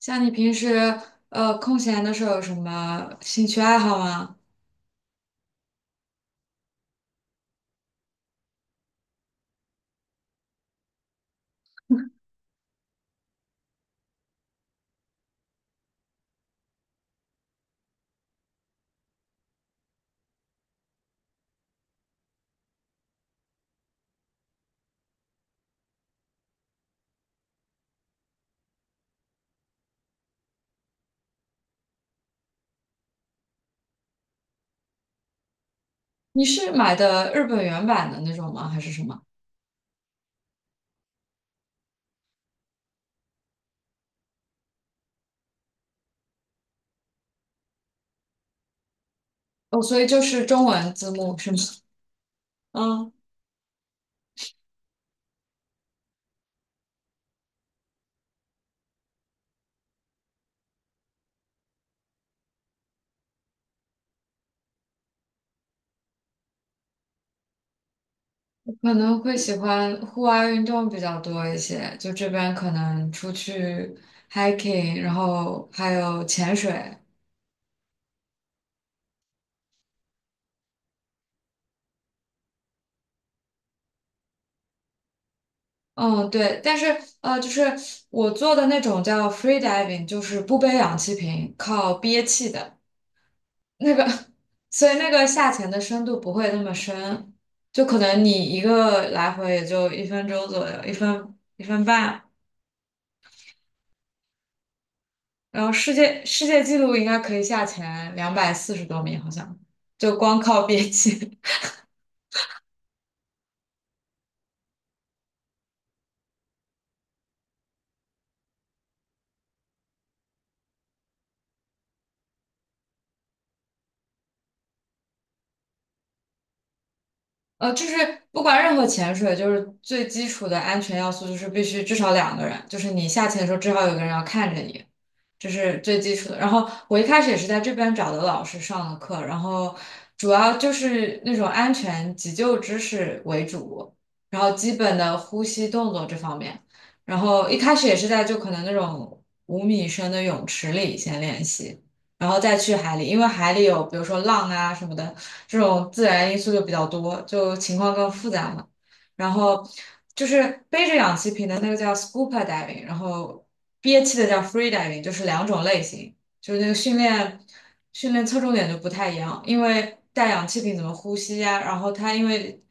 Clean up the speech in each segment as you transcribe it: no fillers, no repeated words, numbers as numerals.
像你平时空闲的时候有什么兴趣爱好吗？你是买的日本原版的那种吗？还是什么？哦，所以就是中文字幕是吗？嗯，我可能会喜欢户外运动比较多一些，就这边可能出去 hiking，然后还有潜水。嗯，对，但是就是我做的那种叫 free diving，就是不背氧气瓶，靠憋气的。那个，所以那个下潜的深度不会那么深，就可能你一个来回也就1分钟左右，一分一分半。然后世界纪录应该可以下潜240多米，好像就光靠憋气。就是不管任何潜水，就是最基础的安全要素，就是必须至少2个人，就是你下潜的时候至少有个人要看着你，这是最基础的。然后我一开始也是在这边找的老师上的课，然后主要就是那种安全急救知识为主，然后基本的呼吸动作这方面，然后一开始也是在就可能那种5米深的泳池里先练习。然后再去海里，因为海里有比如说浪啊什么的，这种自然因素就比较多，就情况更复杂嘛。然后就是背着氧气瓶的那个叫 scuba diving，然后憋气的叫 free diving，就是两种类型，就是那个训练侧重点就不太一样，因为带氧气瓶怎么呼吸呀、然后它因为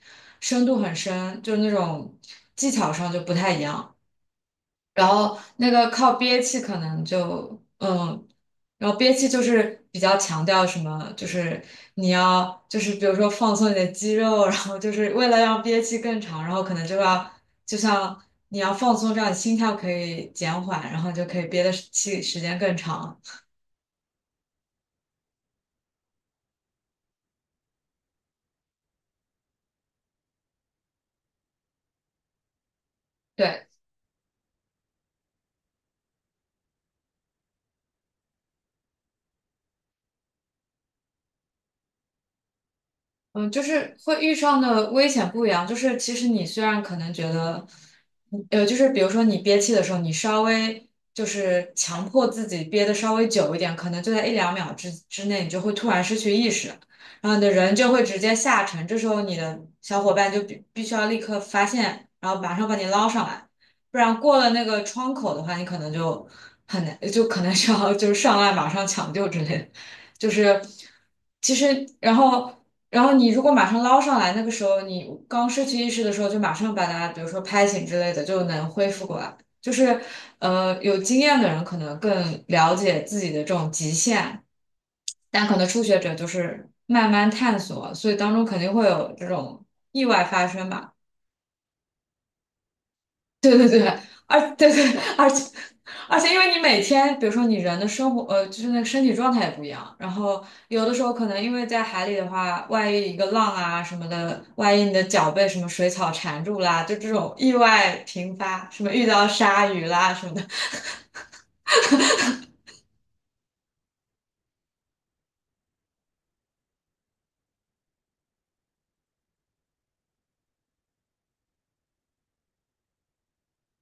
深度很深，就是那种技巧上就不太一样。然后那个靠憋气可能就嗯，然后憋气就是比较强调什么，就是你要就是比如说放松你的肌肉，然后就是为了让憋气更长，然后可能就要就像你要放松，这样你心跳可以减缓，然后就可以憋的气时间更长。对，嗯，就是会遇上的危险不一样。就是其实你虽然可能觉得，嗯就是比如说你憋气的时候，你稍微就是强迫自己憋的稍微久一点，可能就在一两秒之内，你就会突然失去意识，然后你的人就会直接下沉。这时候你的小伙伴就必须要立刻发现，然后马上把你捞上来，不然过了那个窗口的话，你可能就很难，就可能需要就是上岸马上抢救之类的。就是其实，然后。然后你如果马上捞上来，那个时候你刚失去意识的时候，就马上把它，比如说拍醒之类的，就能恢复过来。就是，有经验的人可能更了解自己的这种极限，但可能初学者就是慢慢探索，所以当中肯定会有这种意外发生吧。对对对，而对对，而且而且，因为你每天，比如说你人的生活，就是那个身体状态也不一样。然后有的时候可能因为在海里的话，万一一个浪啊什么的，万一你的脚被什么水草缠住啦，就这种意外频发，什么遇到鲨鱼啦什么的。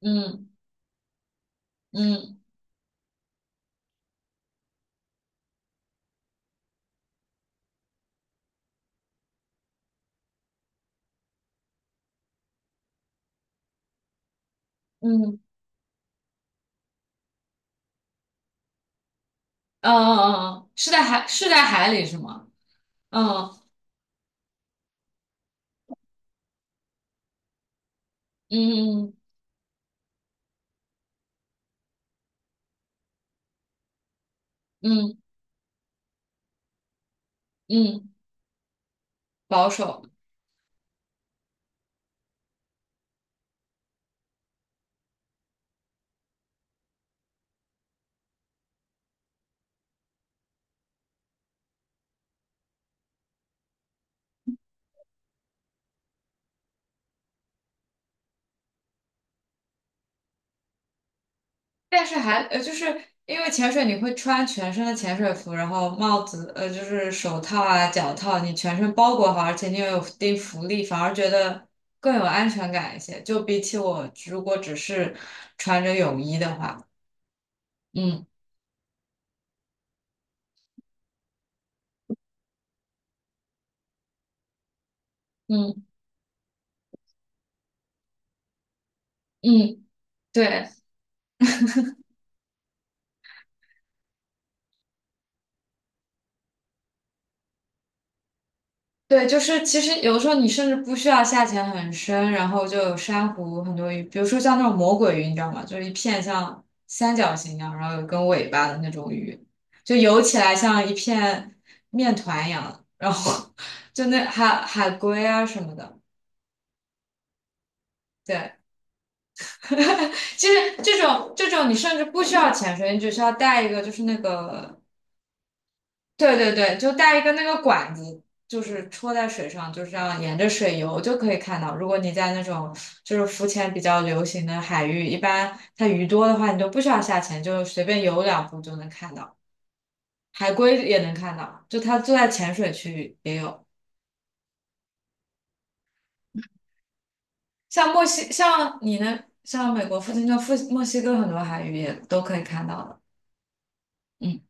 嗯嗯嗯，嗯嗯嗯，嗯是在海里是吗？嗯嗯嗯嗯嗯，保守。但是还就是因为潜水你会穿全身的潜水服，然后帽子就是手套啊、脚套，你全身包裹好，而且你又有一定浮力，反而觉得更有安全感一些。就比起我如果只是穿着泳衣的话，嗯嗯嗯，对。对，就是其实有的时候你甚至不需要下潜很深，然后就有珊瑚很多鱼，比如说像那种魔鬼鱼，你知道吗？就是一片像三角形一样，然后有根尾巴的那种鱼，就游起来像一片面团一样，然后 就那海龟啊什么的。对，其实这种你甚至不需要潜水，你只需要带一个就是那个对对对，就带一个那个管子，就是戳在水上，就这样沿着水游就可以看到。如果你在那种就是浮潜比较流行的海域，一般它鱼多的话，你就不需要下潜，就随便游两步就能看到。海龟也能看到，就它就在浅水区域也有。像墨西，像你呢，像美国附近的墨西哥很多海域也都可以看到的。嗯。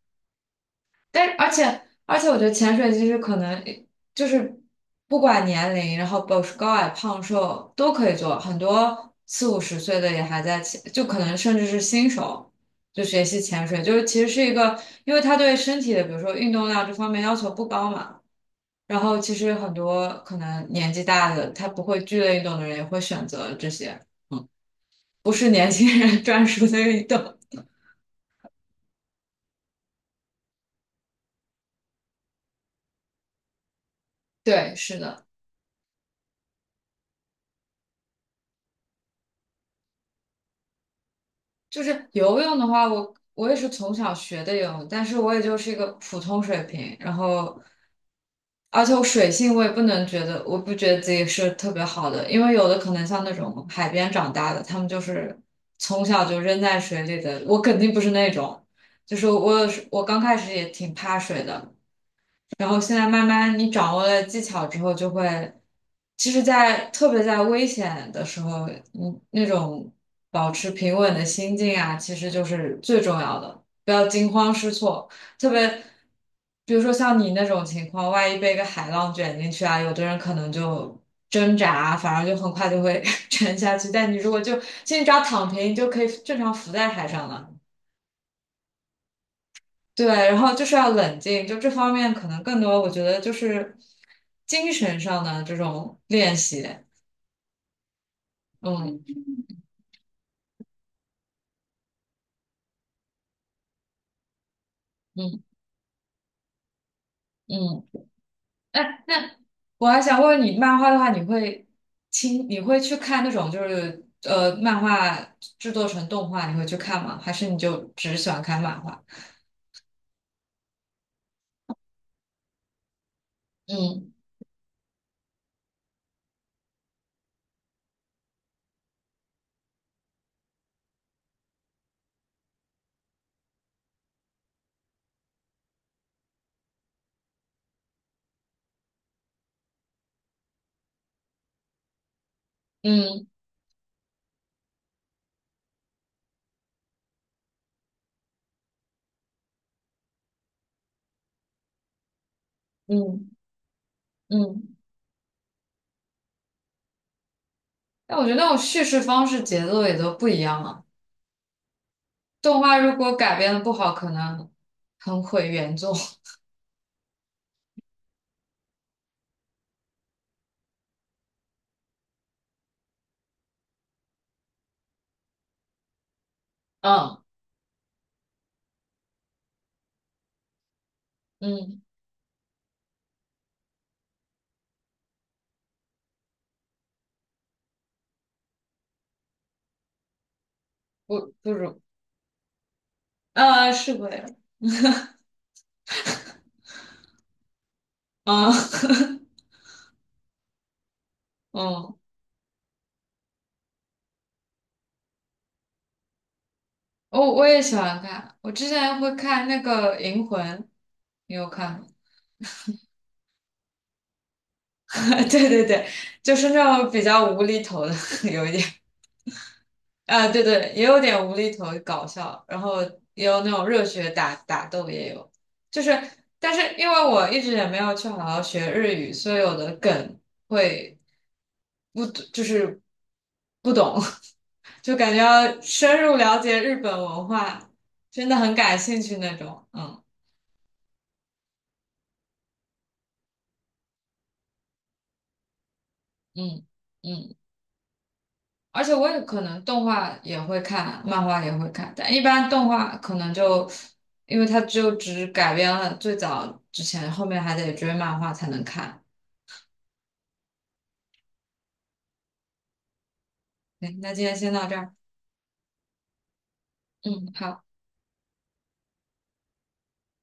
而且，我觉得潜水其实可能就是不管年龄，然后保持高矮胖瘦都可以做，很多四五十岁的也还在潜，就可能甚至是新手就学习潜水，就是其实是一个，因为它对身体的，比如说运动量这方面要求不高嘛。然后其实很多可能年纪大的，他不会剧烈运动的人也会选择这些，不是年轻人 专属的运动。对，是的。就是游泳的话，我也是从小学的游泳，但是我也就是一个普通水平。然后，而且我水性我也不能觉得，我不觉得自己是特别好的，因为有的可能像那种海边长大的，他们就是从小就扔在水里的，我肯定不是那种。就是我有时我刚开始也挺怕水的，然后现在慢慢你掌握了技巧之后，就会，其实在，特别在危险的时候，你那种保持平稳的心境啊，其实就是最重要的，不要惊慌失措。特别，比如说像你那种情况，万一被一个海浪卷进去啊，有的人可能就挣扎，反而就很快就会 沉下去。但你如果就，其实你只要躺平，你就可以正常浮在海上了。对，然后就是要冷静，就这方面可能更多，我觉得就是精神上的这种练习。嗯嗯嗯，哎，那我还想问问你，漫画的话，你会你会去看那种就是漫画制作成动画，你会去看吗？还是你就只喜欢看漫画？嗯嗯嗯嗯。那我觉得那种叙事方式、节奏也都不一样啊。动画如果改编的不好，可能很毁原作。嗯嗯。不如，啊，是鬼啊，嗯嗯，我也喜欢看，我之前会看那个《银魂》，你有看吗 对对对，就是那种比较无厘头的，有一点，啊、对对，也有点无厘头搞笑，然后也有那种热血打斗也有，就是，但是因为我一直也没有去好好学日语，所以有的梗会不就是不懂，就感觉要深入了解日本文化，真的很感兴趣那种。嗯嗯嗯，而且我也可能动画也会看，漫画也会看，但一般动画可能就因为它就只改编了最早之前，后面还得追漫画才能看。对，那今天先到这儿。嗯，好。